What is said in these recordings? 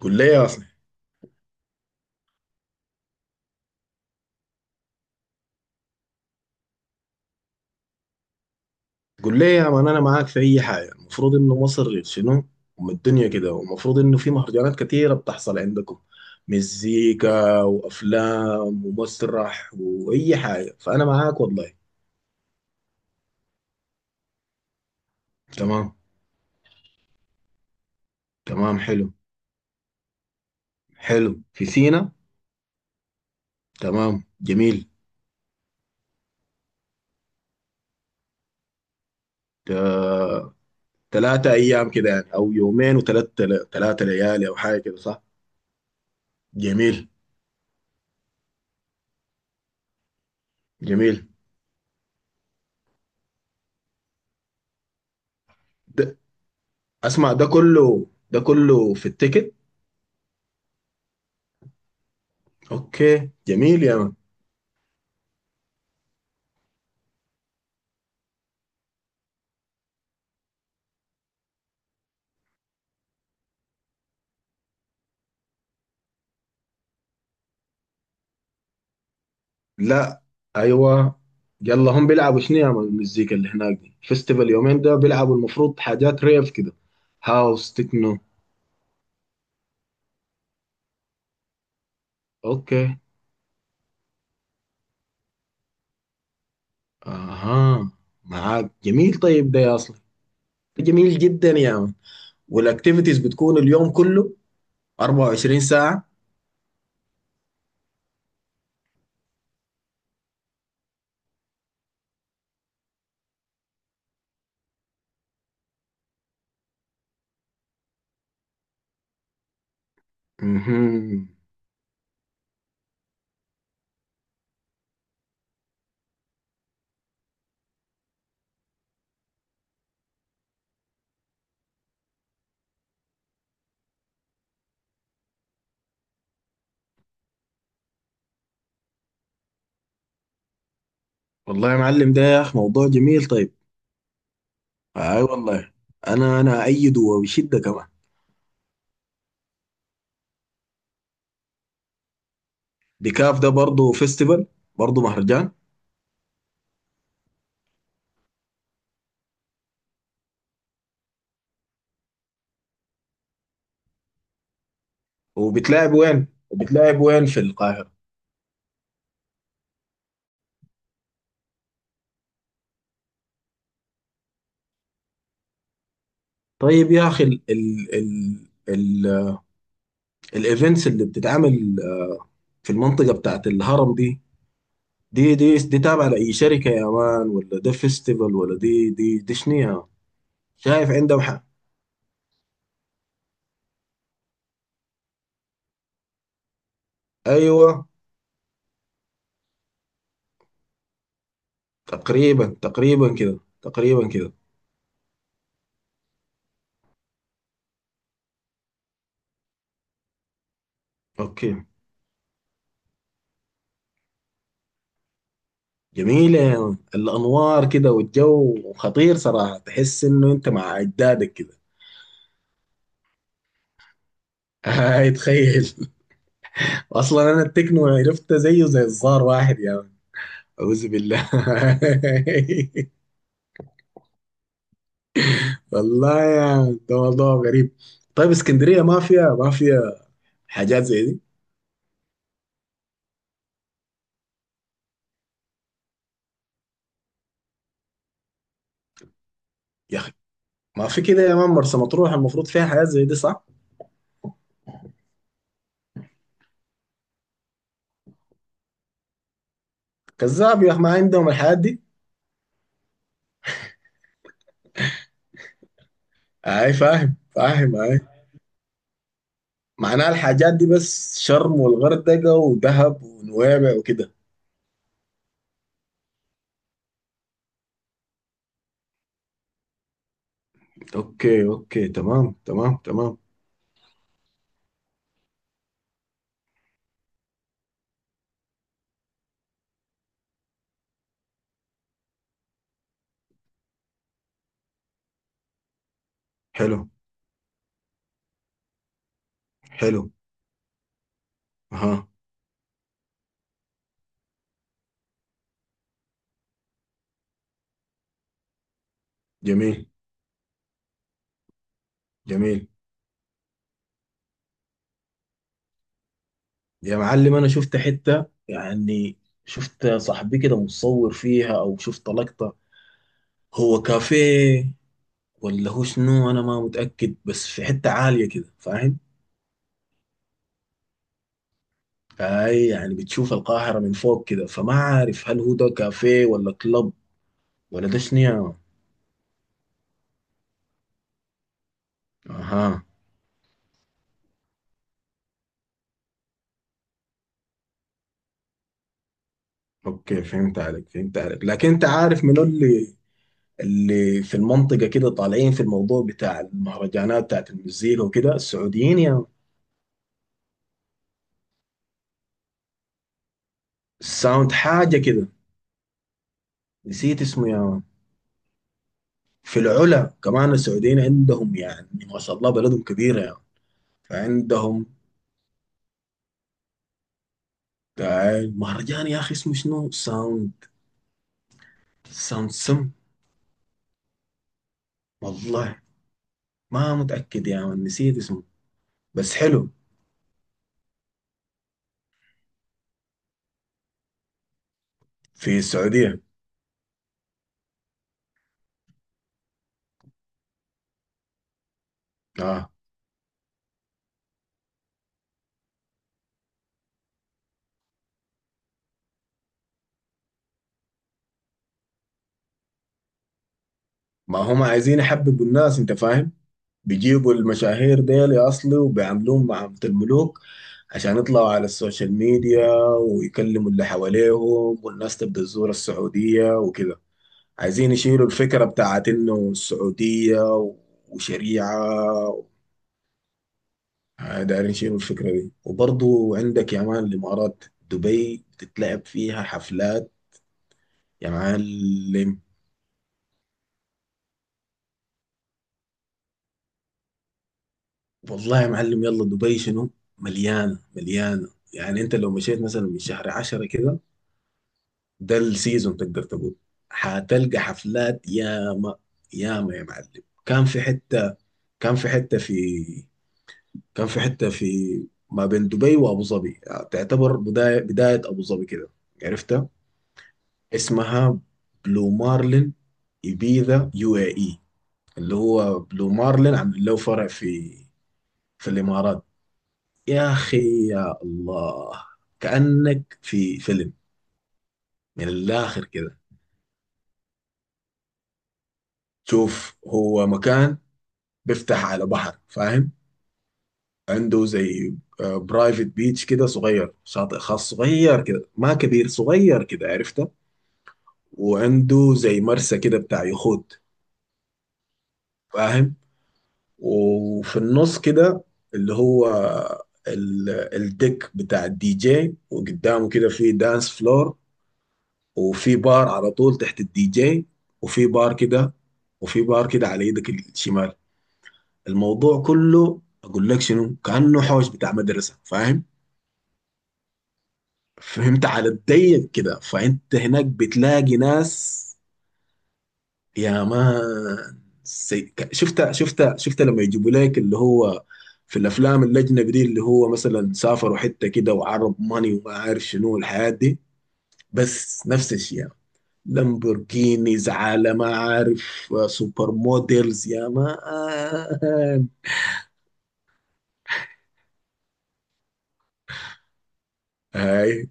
قول لي يا اصلي، قول لي يا مان، انا معاك في اي حاجه. المفروض انه مصر شنو؟ ام الدنيا كده، والمفروض انه في مهرجانات كتيره بتحصل عندكم. مزيكا وافلام ومسرح واي حاجه، فانا معاك والله. تمام. تمام، حلو. حلو في سينا. تمام، جميل. 3 ايام كده يعني، او يومين وثلاث، 3 ليالي او حاجه كده، صح؟ جميل. جميل ده. اسمع ده كله في التيكت. اوكي جميل يا مان. لا. ايوه. يلا هم بيلعبوا شنو يا مان؟ المزيكا اللي هناك دي فيستيفال يومين، ده بيلعبوا المفروض حاجات ريف كده، هاوس، تكنو. اوكي. اها. معاك، جميل. طيب ده يا اصلا، ده جميل جدا يا مان. والاكتيفيتيز بتكون اليوم كله، 24 ساعة مهم. والله يا معلم، ده يا اخي موضوع جميل. طيب. اي والله. انا ايده وبشدة كمان. بكاف ده برضه فيستيفال، برضه مهرجان. وبتلعب وين؟ وبتلعب وين في القاهرة؟ طيب يا اخي، ال ال ال الايفنتس اللي بتتعمل في المنطقه بتاعت الهرم دي، دي تابعه لاي شركه يا مان، ولا ده فيستيفال، ولا دي شنيها؟ شايف عندهم حق. ايوه، تقريبا تقريبا كده، تقريبا كده. اوكي. جميلة يا مان. الأنوار كده والجو خطير صراحة، تحس إنه أنت مع أجدادك كده. هاي تخيل. أصلا أنا التكنو عرفته زيه زي الزار، واحد يا مان. أعوذ بالله. والله يا، ده موضوع غريب. طيب اسكندريه ما فيها، ما فيها حاجات زي دي؟ يا اخي ما في كده يا مان، مرسى مطروح المفروض فيها حاجات زي دي، صح؟ كذاب يا اخي، ما عندهم الحاجات دي. اي، فاهم فاهم اي. معناها الحاجات دي بس شرم والغردقه ودهب ونويبع وكده. اوكي اوكي. تمام تمام تمام. حلو. حلو. اها. جميل. جميل. يا معلم، انا شفت حته يعني، شفت صاحبي كده متصور فيها، او شفت لقطه. هو كافيه ولا هو شنو؟ انا ما متاكد، بس في حته عاليه كده فاهم. فهي يعني بتشوف القاهره من فوق كده، فما عارف هل هو ده كافيه ولا كلب، ولا ده شنو يا- مان. اها. اوكي فهمت عليك فهمت عليك، لكن انت عارف من اللي اللي في المنطقه كده طالعين في الموضوع بتاع المهرجانات بتاعت المزيكا وكده، السعوديين يا مان. الساوند حاجه كده. نسيت اسمه يا مان. في العلا كمان السعوديين عندهم، يعني ما شاء الله بلدهم كبيره يا، فعندهم. المهرجان يا اخي اسمه شنو؟ ساوند، ساوند سم، والله ما متاكد يا من، نسيت اسمه. بس حلو. في السعوديه. اه. ما هم عايزين يحببوا الناس، انت فاهم. بيجيبوا المشاهير ديل يا اصلي وبيعاملوهم معاملة الملوك، عشان يطلعوا على السوشيال ميديا ويكلموا اللي حواليهم، والناس تبدا تزور السعوديه وكده. عايزين يشيلوا الفكره بتاعت انه السعوديه وشريعه. دايرين يشيلوا الفكرة دي، وبرضو عندك يا مان الإمارات، دبي بتتلعب فيها حفلات. يا معلم، والله يا معلم، يلا دبي شنو؟ مليانة مليانة. يعني أنت لو مشيت مثلا من شهر 10 كده، ده السيزون تقدر تقول. هتلقى حفلات ياما، ياما يا معلم. كان في حتة كان في حتة في كان في حتة في ما بين دبي وأبو ظبي، يعني تعتبر بداية، بداية أبو ظبي كده. عرفتها؟ اسمها بلو مارلين إبيزا يو اي اي، اللي هو بلو مارلين عامل له فرع في، في الإمارات. يا أخي يا الله، كأنك في فيلم من الآخر كده. شوف، هو مكان بيفتح على بحر فاهم. عنده زي برايفت بيتش كده صغير، شاطئ خاص صغير كده، ما كبير صغير كده، عرفته. وعنده زي مرسى كده بتاع يخوت فاهم. وفي النص كده اللي هو ال- الديك بتاع الدي جي، وقدامه كده في دانس فلور، وفي بار على طول تحت الدي جي، وفي بار كده، وفي بار كده على ايدك الشمال. الموضوع كله اقول لك شنو، كأنه حوش بتاع مدرسة فاهم. فهمت على الضيق كده، فانت هناك بتلاقي ناس يا مان. سي... ك- شفتها شفتها شفتها، لما يجيبوا لك اللي هو في الافلام الاجنبي دي، اللي هو مثلا سافروا حته كده وعرب ماني وما عارف شنو الحياه دي، بس نفس الشيء يعني. لامبورجينيز على ما عارف، سوبر موديلز يا مان. هاي.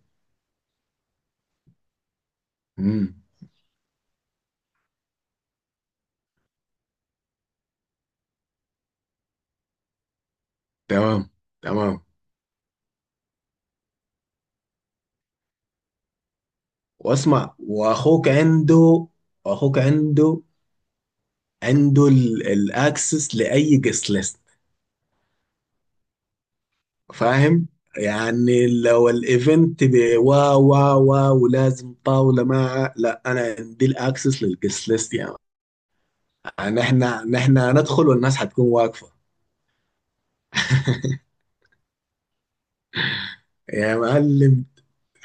مم. تمام تمام. واسمع، واخوك عنده، اخوك عنده، عنده الاكسس لاي قصه فاهم. يعني لو الايفنت ب- وا وا وا ولازم طاوله مع، لا انا عندي الاكسس للجست ليست يعني. يعني احنا نحن هندخل والناس حتكون واقفه. يا معلم،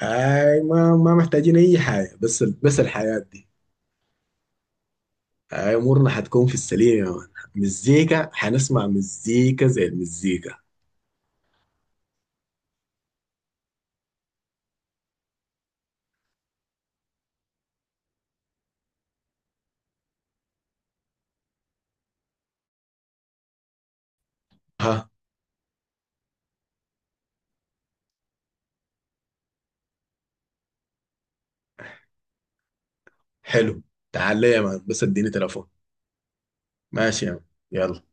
اي ما محتاجين اي حاجه، بس الحياه دي. اي امورنا حتكون في السليم يا مان. مزيكا، حنسمع مزيكا زي المزيكا. ها. حلو. تعال لي يا مان، بس اديني تليفون. ماشي يا مان، يلا.